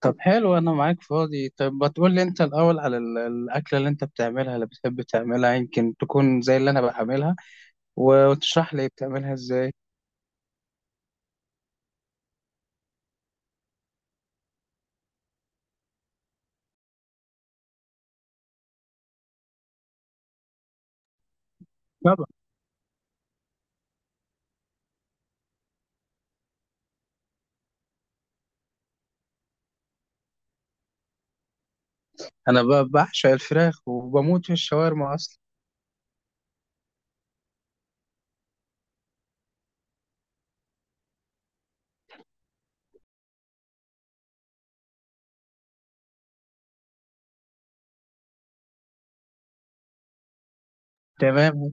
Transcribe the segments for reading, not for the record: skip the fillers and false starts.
طب حلو، انا معاك فاضي. طب ما تقول لي انت الاول على الاكله اللي انت بتعملها، اللي بتحب تعملها، يمكن تكون زي اللي انا بعملها. و- وتشرح لي بتعملها ازاي. طبعا. انا ب- بعشق الفراخ وبموت في الشاورما اصلا. تمام،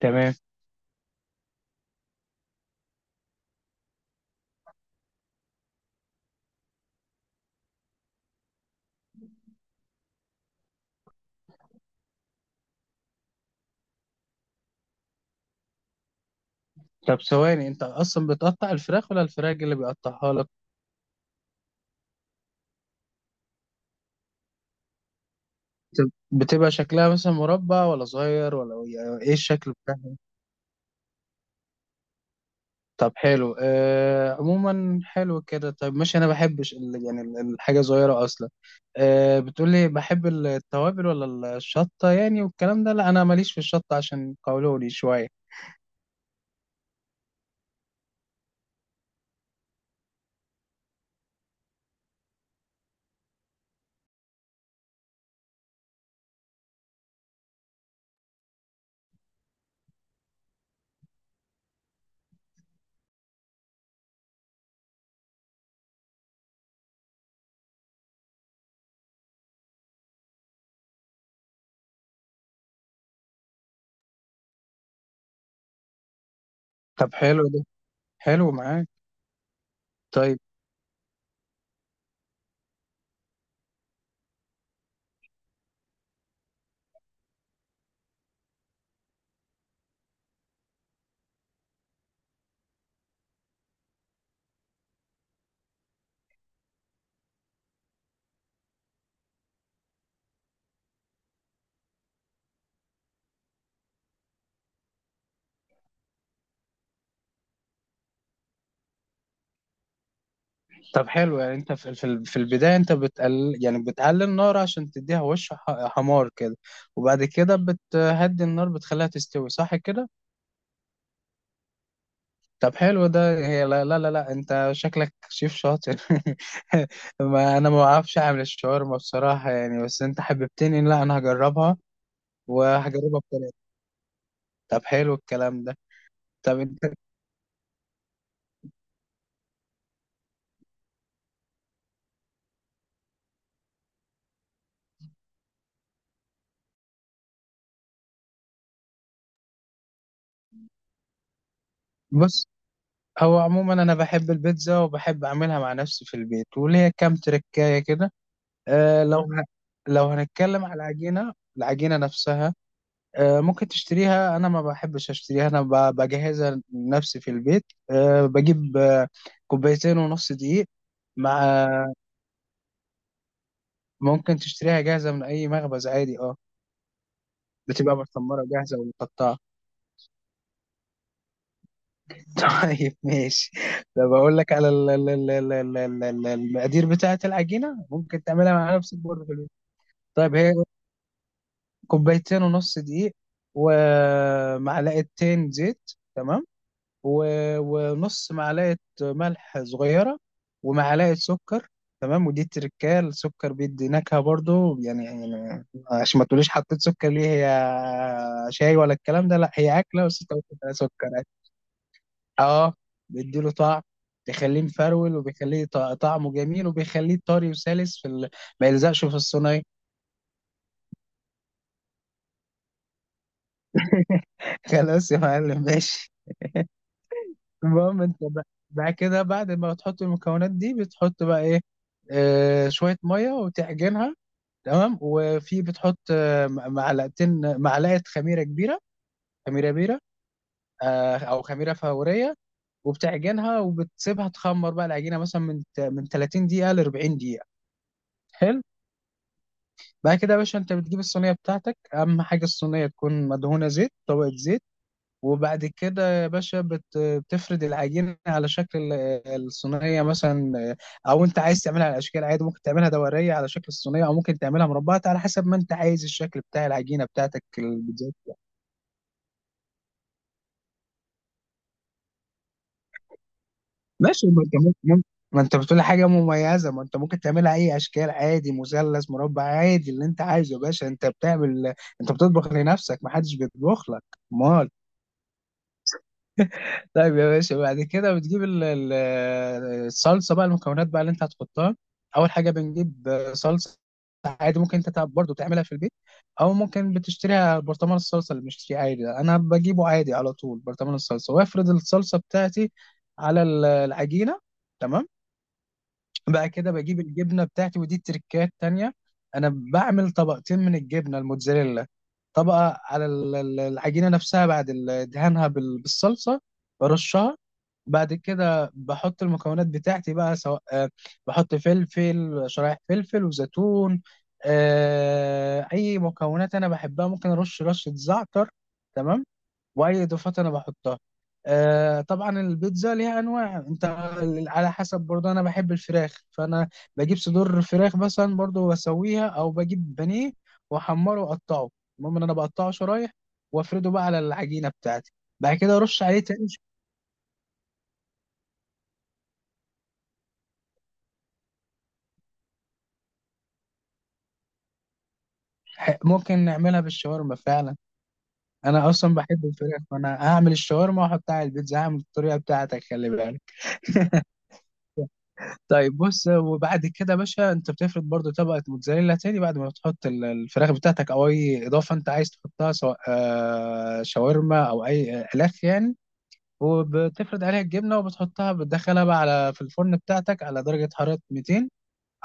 تمام. طب ثواني، انت اصلا بتقطع الفراخ ولا الفراخ اللي بيقطعها لك؟ بت- بتبقى شكلها مثلا مربع ولا صغير، ولا يعني ايه الشكل بتاعها؟ طب حلو، عموما حلو كده. طيب ماشي، انا بحبش الحاجه صغيره اصلا. بتقولي بحب التوابل ولا الشطه يعني والكلام ده؟ لا، انا ماليش في الشطه، عشان قولولي شويه. طب حلو ده، حلو معاك. طيب. طب حلو، يعني انت في البدايه انت بتقلل النار عشان تديها وش حمار كده، وبعد كده بتهدي النار، بتخليها تستوي، صح كده؟ طب حلو ده. هي لا لا لا، لا. انت شكلك شيف شاطر. ما انا ما بعرفش اعمل الشاورما بصراحة يعني، بس انت حببتني. لا، انا هجربها وهجربها بطريقة. طب حلو الكلام ده. طب انت؟ بص، هو عموما انا بحب البيتزا وبحب اعملها مع نفسي في البيت، وليا كام تركاية كده. أه لو ه... لو هنتكلم على العجينة نفسها، ممكن تشتريها، انا ما بحبش اشتريها، انا بجهزها لنفسي في البيت. آه، بجيب آه، كوبايتين ونص دقيق. مع آه، ممكن تشتريها جاهزة من اي مخبز عادي، اه، بتبقى متمرة جاهزة ومتقطعة. طيب ماشي، ده بقول لك على المقادير بتاعة العجينة، ممكن تعملها مع نفسك برضه في البيت. طيب، هي كوبايتين ونص دقيق، ومعلقتين زيت، تمام، و- ونص معلقة ملح صغيرة، ومعلقة سكر. تمام. ودي التركاية، السكر بيدي نكهة برضو، يعني عشان ما تقوليش حطيت سكر ليه، هي شاي ولا الكلام ده؟ لا، هي أكلة، بس انت ممكن تلاقي سكر عادي. اه، بيديله طعم، بيخليه مفرول، وبيخليه طعمه جميل، وبيخليه طري وسلس ما يلزقش في الصينية. خلاص يا معلم، ماشي. المهم انت بعد كده، بعد ما تحط المكونات دي، بتحط بقى ايه؟ شوية مية وتعجنها. تمام، وفي بتحط آه، م- معلقتين معلقة خميرة كبيرة، خميرة بيرة، أو خميرة فورية، وبتعجنها وبتسيبها تخمر بقى العجينة مثلا من 30 دقيقة ل 40 دقيقة. حلو. بعد كده يا باشا انت بتجيب الصينية بتاعتك، أهم حاجة الصينية تكون مدهونة زيت، طبقة زيت. وبعد كده يا باشا بت- بتفرد العجينة على شكل الصينية مثلا، أو أنت عايز تعملها على أشكال عادي، ممكن تعملها دورية على شكل الصينية، أو ممكن تعملها مربعة، على حسب ما أنت عايز الشكل بتاع العجينة بتاعتك، البيتزا. ماشي، ما أنت بتقول حاجة مميزة، ما أنت ممكن تعملها أي أشكال عادي، مثلث، مربع، عادي، اللي أنت عايزه يا باشا أنت بتعمل، أنت بتطبخ لنفسك، ما حدش بيطبخ لك. أمال. طيب يا باشا، بعد كده بتجيب الصلصه بقى، المكونات بقى اللي انت هتحطها. اول حاجه بنجيب صلصه عادي، ممكن انت برضه تعملها في البيت، او ممكن بتشتريها، برطمان الصلصه اللي بنشتريه عادي ده. انا بجيبه عادي على طول، برطمان الصلصه، وافرد الصلصه بتاعتي على العجينه. تمام. بقى كده بجيب الجبنه بتاعتي، ودي تركات تانية، انا بعمل طبقتين من الجبنه الموتزاريلا، طبقه على العجينه نفسها بعد دهانها بال- بالصلصه، برشها. بعد كده بحط المكونات بتاعتي بقى، سواء بحط فلفل، شرايح فلفل، وزيتون، اي مكونات انا بحبها، ممكن ارش رشة زعتر. تمام، واي اضافات انا بحطها. طبعا البيتزا ليها انواع، انت على حسب، برضه انا بحب الفراخ، فانا بجيب صدور فراخ مثلا برضه واسويها، او بجيب بانيه واحمره واقطعه، المهم ان انا بقطعه شرايح وافرده بقى على العجينة بتاعتي. بعد كده ارش عليه تاني. ممكن نعملها بالشاورما فعلا، انا اصلا بحب الفراخ، فانا هعمل الشاورما واحطها على البيتزا، هعمل الطريقه بتاعتك، خلي بالك. طيب بص، وبعد كده يا باشا انت بتفرد برضو طبقه موتزاريلا تاني، بعد ما تحط الفراخ بتاعتك او اي اضافه انت عايز تحطها، سواء شاورما او اي الاف يعني. وبتفرد عليها الجبنه، وبتحطها، بتدخلها بقى على في الفرن بتاعتك على درجه حراره 200،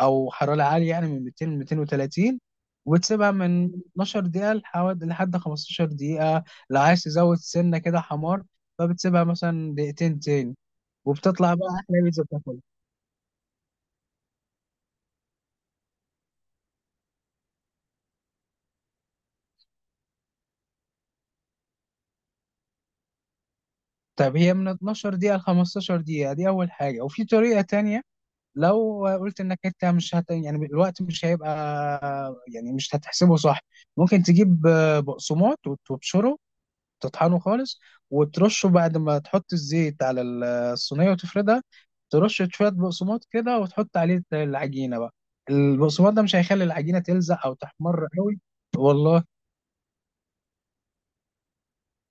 او حراره عاليه يعني من 200 ل 230، وتسيبها من 12 دقيقه لحوالي، لحد 15 دقيقه. لو عايز تزود سنه كده حمار فبتسيبها مثلا دقيقتين تاني، وبتطلع بقى احلى بيتزا بتاكلها. طب هي من 12 دقيقه ل 15 دقيقه دي اول حاجه، وفي طريقه تانية لو قلت انك انت مش هت... يعني الوقت مش هيبقى، يعني مش هتحسبه صح، ممكن تجيب بقسماط وتبشره، تطحنه خالص، وترشه بعد ما تحط الزيت على الصينية وتفردها، ترش شوية بقسماط كده وتحط عليه العجينة بقى، البقسماط ده مش هيخلي العجينة تلزق أو تحمر قوي. والله.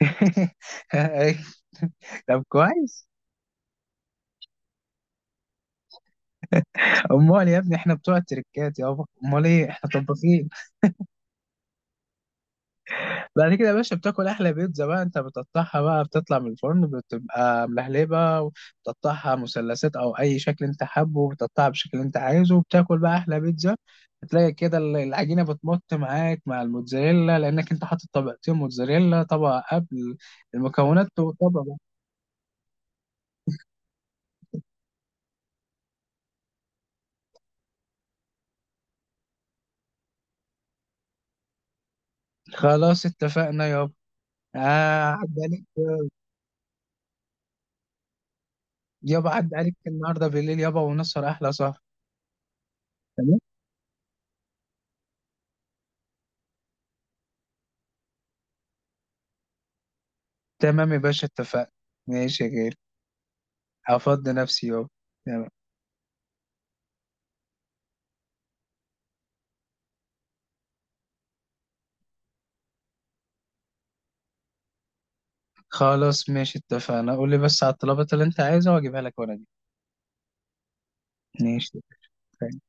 طب كويس. امال يا ابني، احنا بتوع التركات يابا، امال ايه، احنا طباخين. بعد كده يا باشا بتاكل احلى بيتزا بقى، انت بتقطعها بقى، بتطلع من الفرن بتبقى ملهلبه، بتقطعها مثلثات او اي شكل انت حابه، بتقطعها بالشكل اللي انت عايزه، وبتاكل بقى احلى بيتزا. هتلاقي كده العجينه بتمط معاك مع الموتزاريلا، لانك انت حاطط طبقتين موتزاريلا، طبقه قبل المكونات وطبقه. خلاص اتفقنا يابا. آه، عدى عليك يابا، عدى عليك النهارده بالليل يابا، ونسهر احلى سهر. تمام، تمام يا باشا، اتفقنا. ماشي يا غالي. هفضي نفسي يابا. تمام. خلاص ماشي، اتفقنا. قول لي بس على الطلبات اللي انت عايزها واجيبها لك، وانا دي ماشي. اتفقنا.